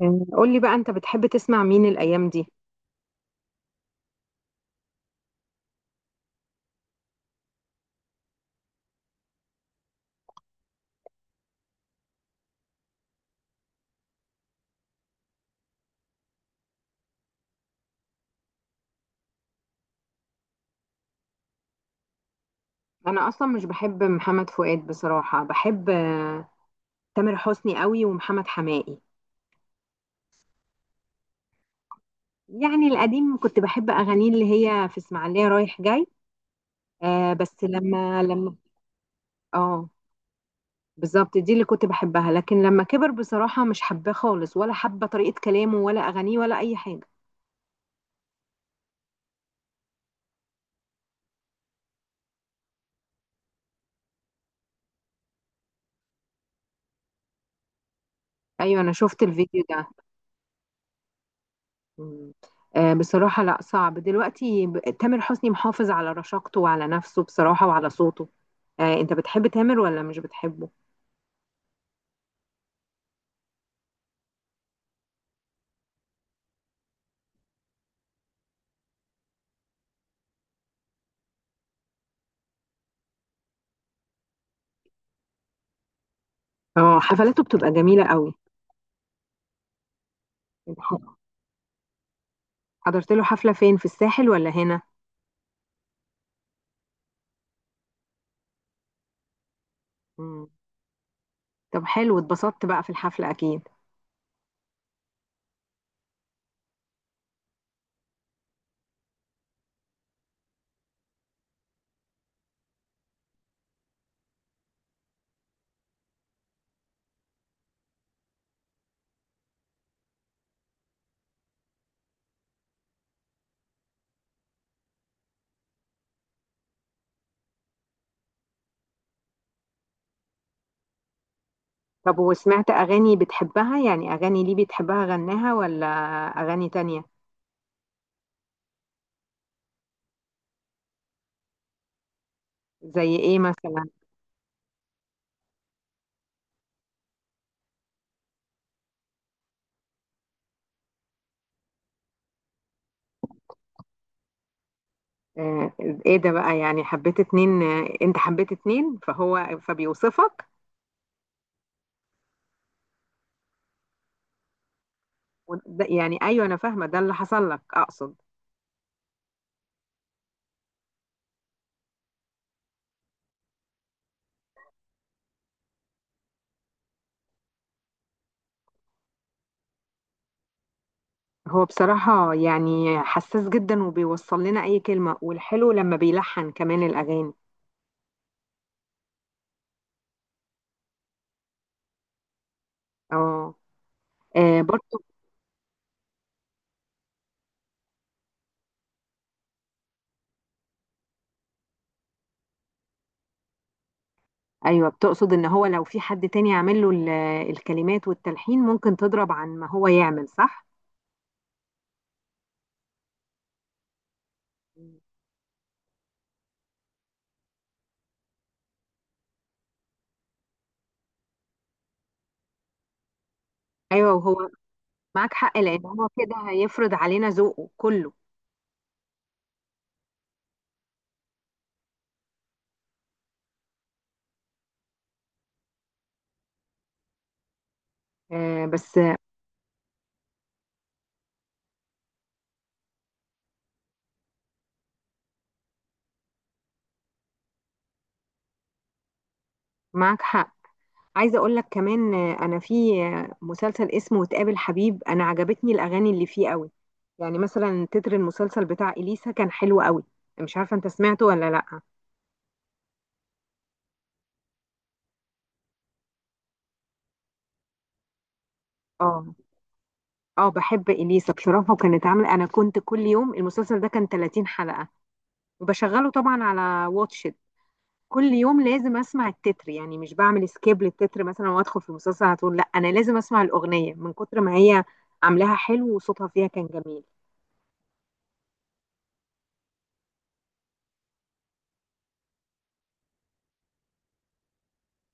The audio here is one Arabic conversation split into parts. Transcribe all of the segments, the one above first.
مم. قولي بقى، انت بتحب تسمع مين الايام دي؟ انا اصلا مش بحب محمد فؤاد بصراحة، بحب تامر حسني قوي، ومحمد حماقي. يعني القديم كنت بحب اغانيه، اللي هي في اسماعيلية رايح جاي. آه بس لما اه بالظبط دي اللي كنت بحبها، لكن لما كبر بصراحة مش حباه خالص، ولا حابة طريقة كلامه ولا اغانيه ولا اي حاجة. ايوه انا شفت الفيديو ده. مم. بصراحة لا، صعب دلوقتي تامر حسني محافظ على رشاقته وعلى نفسه بصراحة وعلى صوته. انت بتحب تامر ولا مش بتحبه؟ اه حفلاته بتبقى جميلة قوي. انت ح- حضرت له حفلة فين، في الساحل ولا هنا؟ مم. طب حلو، اتبسطت بقى في الحفلة اكيد؟ طب وسمعت اغاني بتحبها؟ يعني اغاني ليه بتحبها غناها، ولا اغاني تانية؟ زي ايه مثلا؟ آه، ايه ده بقى يعني حبيت اتنين؟ انت حبيت اتنين فهو فبيوصفك. يعني ايوه انا فاهمه، ده اللي حصل لك اقصد. هو بصراحه يعني حساس جدا، وبيوصل لنا اي كلمه، والحلو لما بيلحن كمان الاغاني. اه. آه، برضو. ايوه بتقصد ان هو لو في حد تاني عامل له الكلمات والتلحين ممكن تضرب، عن ما هو يعمل صح. ايوه وهو معاك حق، لان هو كده هيفرض علينا ذوقه كله. بس معاك حق. عايزه اقول لك كمان، انا في مسلسل اسمه وتقابل حبيب، انا عجبتني الاغاني اللي فيه قوي. يعني مثلا تتر المسلسل بتاع اليسا كان حلو قوي، مش عارفه انت سمعته ولا لا. اه اه بحب اليسا بصراحه، وكانت عامله، انا كنت كل يوم، المسلسل ده كان 30 حلقه، وبشغله طبعا على واتشت كل يوم، لازم اسمع التتر. يعني مش بعمل سكيب للتتر مثلا وادخل في المسلسل على طول، لا انا لازم اسمع الاغنيه، من كتر ما هي عاملاها حلو، وصوتها فيها كان جميل.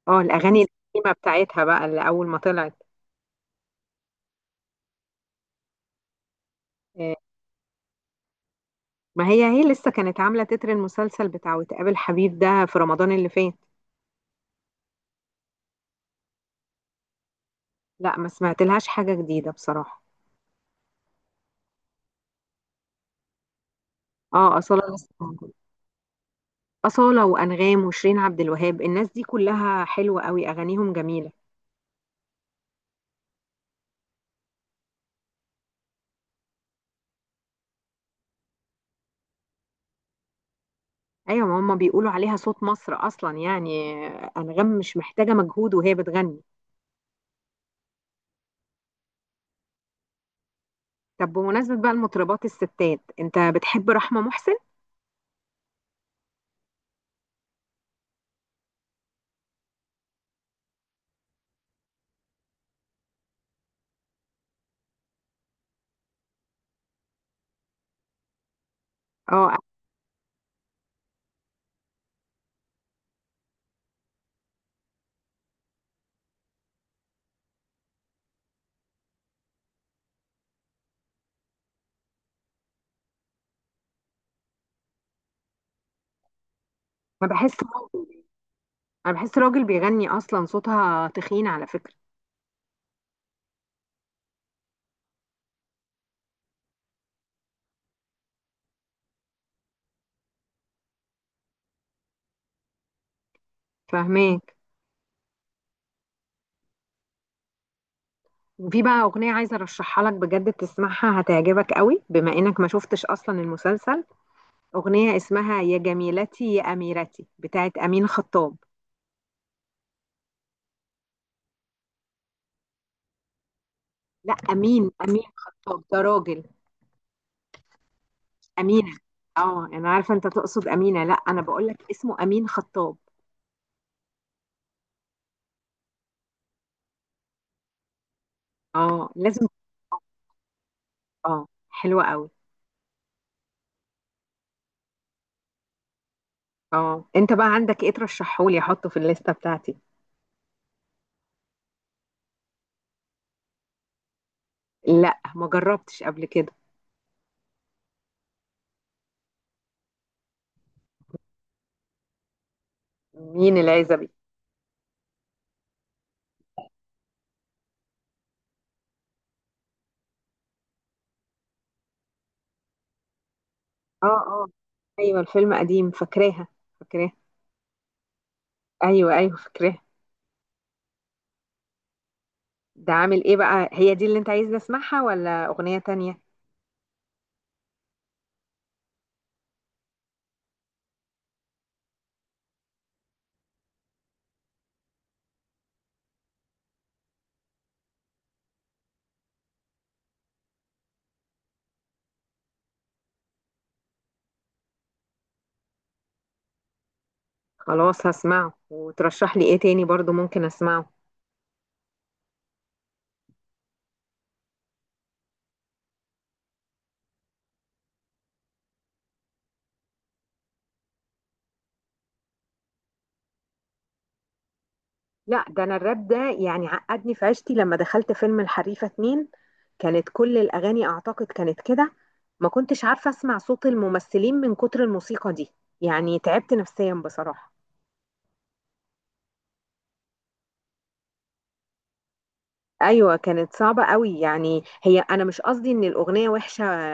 اه الاغاني القديمه بتاعتها بقى، اللي اول ما طلعت. آه، ما هي هي لسه كانت عامله تتر المسلسل بتاع وتقابل حبيب ده في رمضان اللي فات. لا ما سمعت لهاش حاجه جديده بصراحه. اه اصاله لسه موجودة. اصاله وانغام وشيرين عبد الوهاب، الناس دي كلها حلوه قوي، اغانيهم جميله. ايوه ما هم بيقولوا عليها صوت مصر اصلا. يعني انغام مش محتاجه مجهود وهي بتغني. طب بمناسبه بقى المطربات الستات، انت بتحب رحمه محسن؟ اه انا بحس، انا بحس راجل بيغني اصلا، صوتها تخين على فكره. فاهماك. وفي بقى أغنية عايزة أرشحها لك بجد، تسمعها هتعجبك قوي، بما إنك ما شفتش أصلا المسلسل. أغنية اسمها يا جميلتي يا أميرتي بتاعت أمين خطاب. لا أمين، أمين خطاب ده راجل. أمينة. اه أنا عارفة أنت تقصد أمينة، لا أنا بقول لك اسمه أمين خطاب. اه لازم. اه حلوة قوي. اه أنت بقى عندك إيه ترشحهولي، أحطه في الليستة بتاعتي؟ لا ما جربتش قبل كده. مين العزبي؟ اه اه. أيوة الفيلم قديم، فاكراها. فاكراها. ايوه ايوه فاكراه. ده عامل ايه بقى، هي دي اللي انت عايزني اسمعها ولا اغنية تانية؟ خلاص هسمعه، وترشح لي ايه تاني برضو ممكن اسمعه؟ لا ده انا الراب ده يعني عقدني في عشتي، لما دخلت فيلم الحريفة اتنين كانت كل الاغاني اعتقد كانت كده. ما كنتش عارفة اسمع صوت الممثلين من كتر الموسيقى دي، يعني تعبت نفسيا بصراحة. ايوه كانت صعبه قوي. يعني هي انا مش قصدي ان الاغنيه وحشه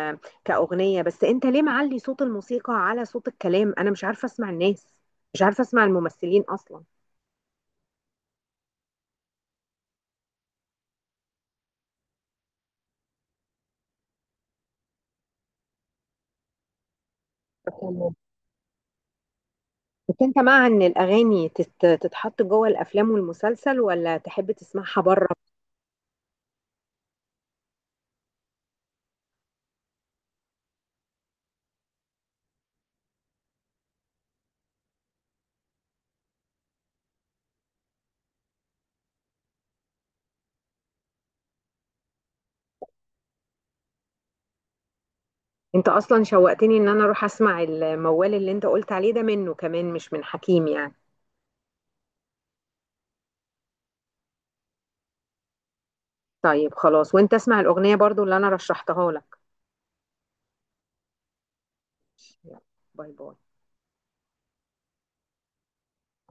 كاغنيه، بس انت ليه معلي صوت الموسيقى على صوت الكلام، انا مش عارفه اسمع الناس، مش عارفه اسمع الممثلين اصلا. تمام. بس انت مع ان الاغاني تتحط جوه الافلام والمسلسل، ولا تحب تسمعها بره؟ انت اصلا شوقتني ان انا اروح اسمع الموال اللي انت قلت عليه ده، منه كمان مش من حكيم يعني. طيب خلاص، وانت اسمع الاغنيه برضو اللي انا رشحتها لك. يلا، باي باي.